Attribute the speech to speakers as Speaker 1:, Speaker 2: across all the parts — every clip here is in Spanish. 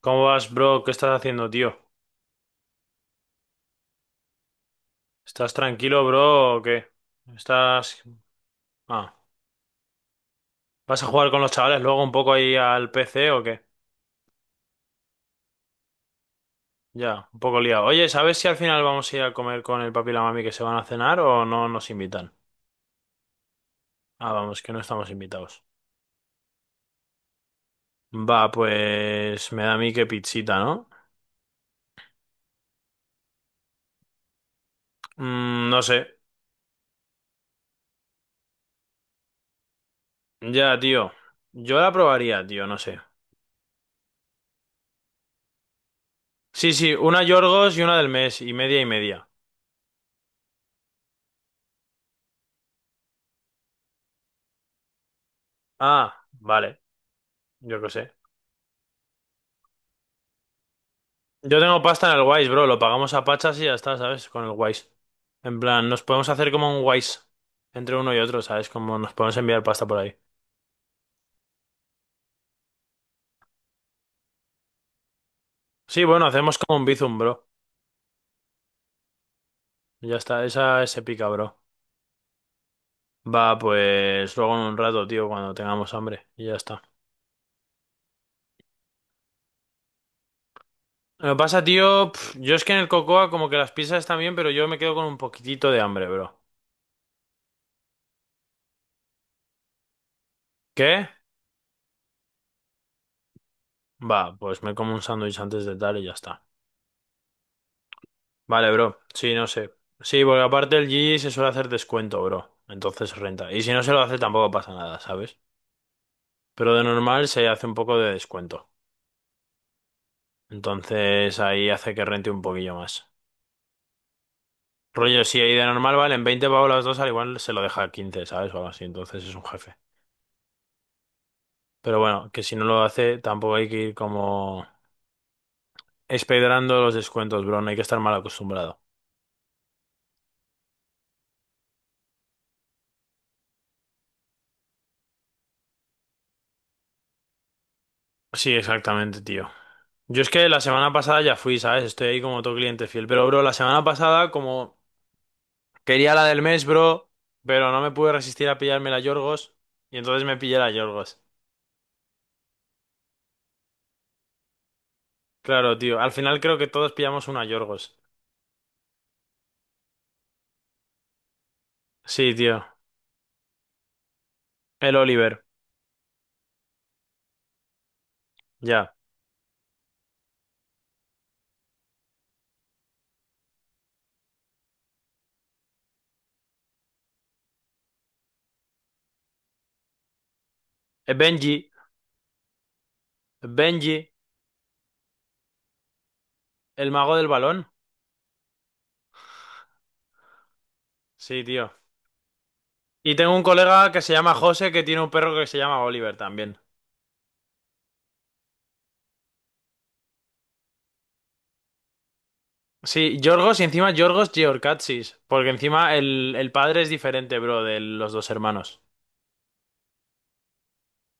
Speaker 1: ¿Cómo vas, bro? ¿Qué estás haciendo, tío? ¿Estás tranquilo, bro, o qué? ¿Estás... Ah, ¿vas a jugar con los chavales luego un poco ahí al PC o qué? Ya, un poco liado. Oye, ¿sabes si al final vamos a ir a comer con el papi y la mami que se van a cenar o no nos invitan? Ah, vamos, que no estamos invitados. Va, pues me da a mí que pizzita, ¿no? Mm, no sé. Ya, tío. Yo la probaría, tío, no sé. Sí, sí, una Yorgos y una del mes, y media y media. Ah, vale, yo qué sé. Yo tengo pasta en el Wise, bro. Lo pagamos a pachas y ya está, ¿sabes? Con el Wise. En plan, nos podemos hacer como un Wise entre uno y otro, ¿sabes? Como nos podemos enviar pasta por ahí. Sí, bueno, hacemos como un Bizum, bro. Ya está, esa es épica, bro. Va, pues luego en un rato, tío, cuando tengamos hambre. Y ya está. Lo que pasa, tío, yo es que en el Cocoa como que las pizzas están bien, pero yo me quedo con un poquitito de hambre, bro. ¿Qué? Va, pues me como un sándwich antes de tal y ya está. Vale, bro. Sí, no sé. Sí, porque aparte el GG se suele hacer descuento, bro. Entonces renta. Y si no se lo hace tampoco pasa nada, ¿sabes? Pero de normal se hace un poco de descuento. Entonces ahí hace que rente un poquillo más. Rollo, si ahí de normal valen 20 pavos las dos, al igual se lo deja a 15, ¿sabes? O algo así. Entonces es un jefe. Pero bueno, que si no lo hace, tampoco hay que ir como espedrando los descuentos, bro. No hay que estar mal acostumbrado. Sí, exactamente, tío. Yo es que la semana pasada ya fui, ¿sabes? Estoy ahí como todo cliente fiel. Pero, bro, la semana pasada, como Quería la del mes, bro, pero no me pude resistir a pillarme la Yorgos y entonces me pillé la Yorgos. Claro, tío. Al final creo que todos pillamos una Yorgos. Sí, tío. El Oliver. Ya. Benji. Benji. El mago del balón. Sí, tío. Y tengo un colega que se llama José que tiene un perro que se llama Oliver también. Sí, Yorgos y encima Yorgos Georgatsis. Porque encima el padre es diferente, bro, de los dos hermanos.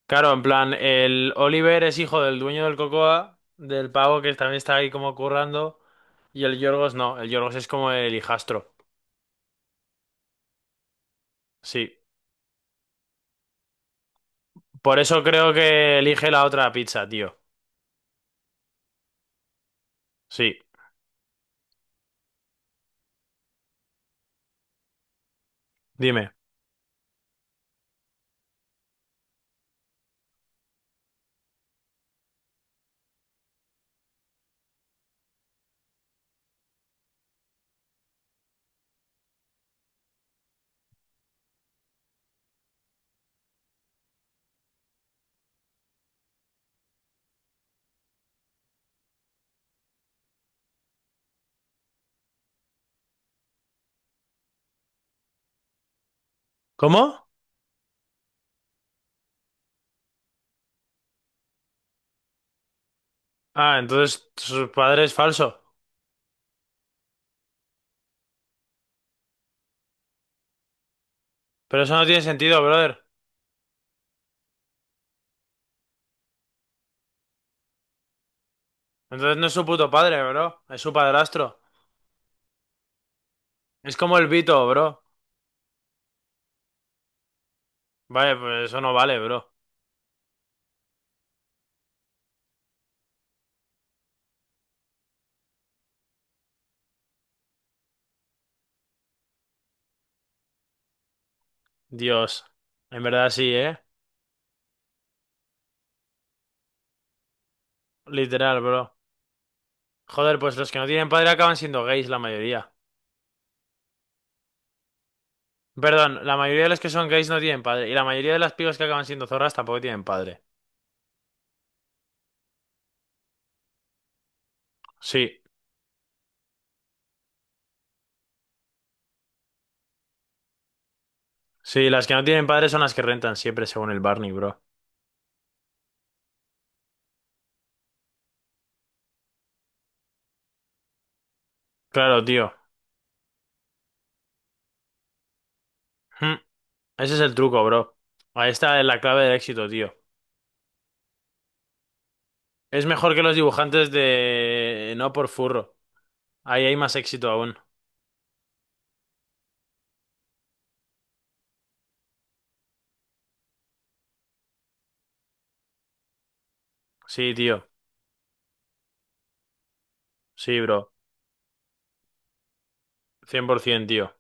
Speaker 1: Claro, en plan, el Oliver es hijo del dueño del Cocoa, del pavo que también está ahí como currando, y el Yorgos no, el Yorgos es como el hijastro. Sí. Por eso creo que elige la otra pizza, tío. Sí. Dime. ¿Cómo? Ah, entonces su padre es falso. Pero eso no tiene sentido, brother. Entonces no es su puto padre, bro. Es su padrastro. Es como el Vito, bro. Vale, pues eso no vale, bro. Dios. En verdad sí, ¿eh? Literal, bro. Joder, pues los que no tienen padre acaban siendo gays, la mayoría. Perdón, la mayoría de los que son gays no tienen padre. Y la mayoría de las pibas que acaban siendo zorras tampoco tienen padre. Sí, sí, las que no tienen padre son las que rentan siempre, según el Barney, bro. Claro, tío. Hmm, Ese es el truco, bro. Ahí está la clave del éxito, tío. Es mejor que los dibujantes de. No por furro. Ahí hay más éxito aún. Sí, tío. Sí, bro. 100%, tío.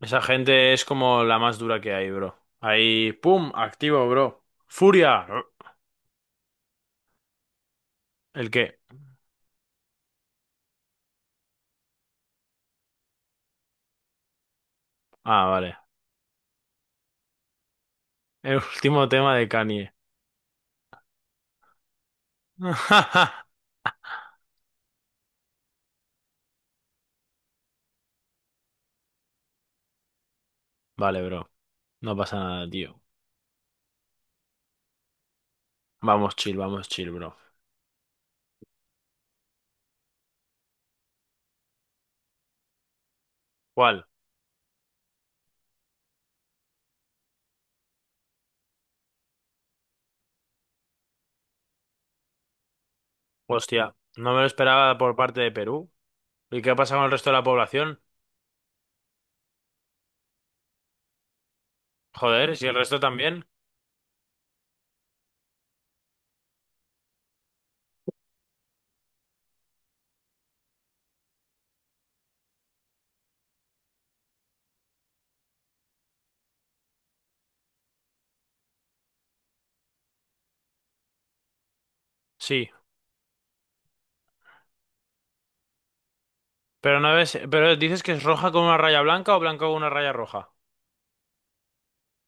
Speaker 1: Esa gente es como la más dura que hay, bro. Ahí, pum, activo, bro. Furia. ¿El qué? Ah, vale. El último tema de Kanye. Vale, bro. No pasa nada, tío. Vamos chill, bro. ¿Cuál? Hostia, no me lo esperaba por parte de Perú. ¿Y qué pasa con el resto de la población? Joder, si el resto también. Sí. Pero no ves, pero dices que es roja con una raya blanca o blanca con una raya roja.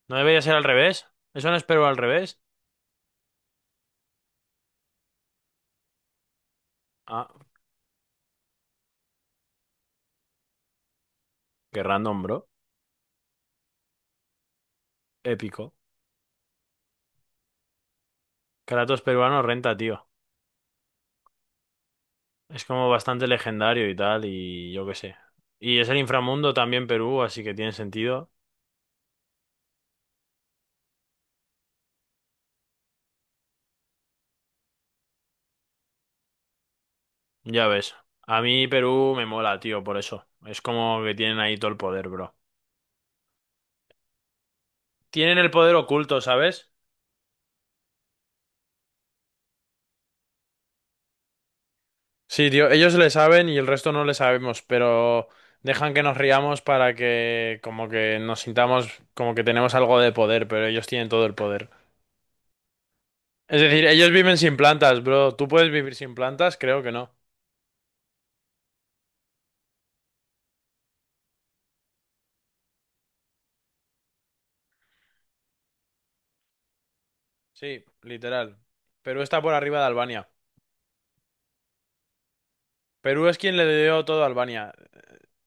Speaker 1: ¿No debería ser al revés? ¿Eso no es Perú al revés? Ah, qué random, bro. Épico. Kratos peruano renta, tío. Es como bastante legendario y tal, y yo qué sé. Y es el inframundo también Perú, así que tiene sentido. Ya ves. A mí Perú me mola, tío, por eso. Es como que tienen ahí todo el poder, bro. Tienen el poder oculto, ¿sabes? Sí, tío, ellos le saben y el resto no le sabemos, pero dejan que nos riamos para que como que nos sintamos como que tenemos algo de poder, pero ellos tienen todo el poder. Es decir, ellos viven sin plantas, bro. ¿Tú puedes vivir sin plantas? Creo que no. Sí, literal. Perú está por arriba de Albania. Perú es quien le dio todo a Albania.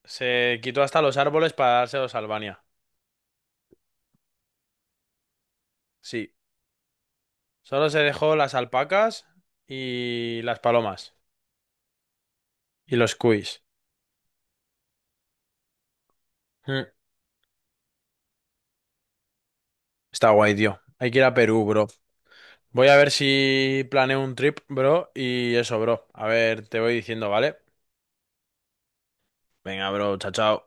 Speaker 1: Se quitó hasta los árboles para dárselos a Albania. Sí. Solo se dejó las alpacas y las palomas. Y los cuis. Mm. Está guay, tío. Hay que ir a Perú, bro. Voy a ver si planeo un trip, bro. Y eso, bro. A ver, te voy diciendo, ¿vale? Venga, bro. Chao, chao.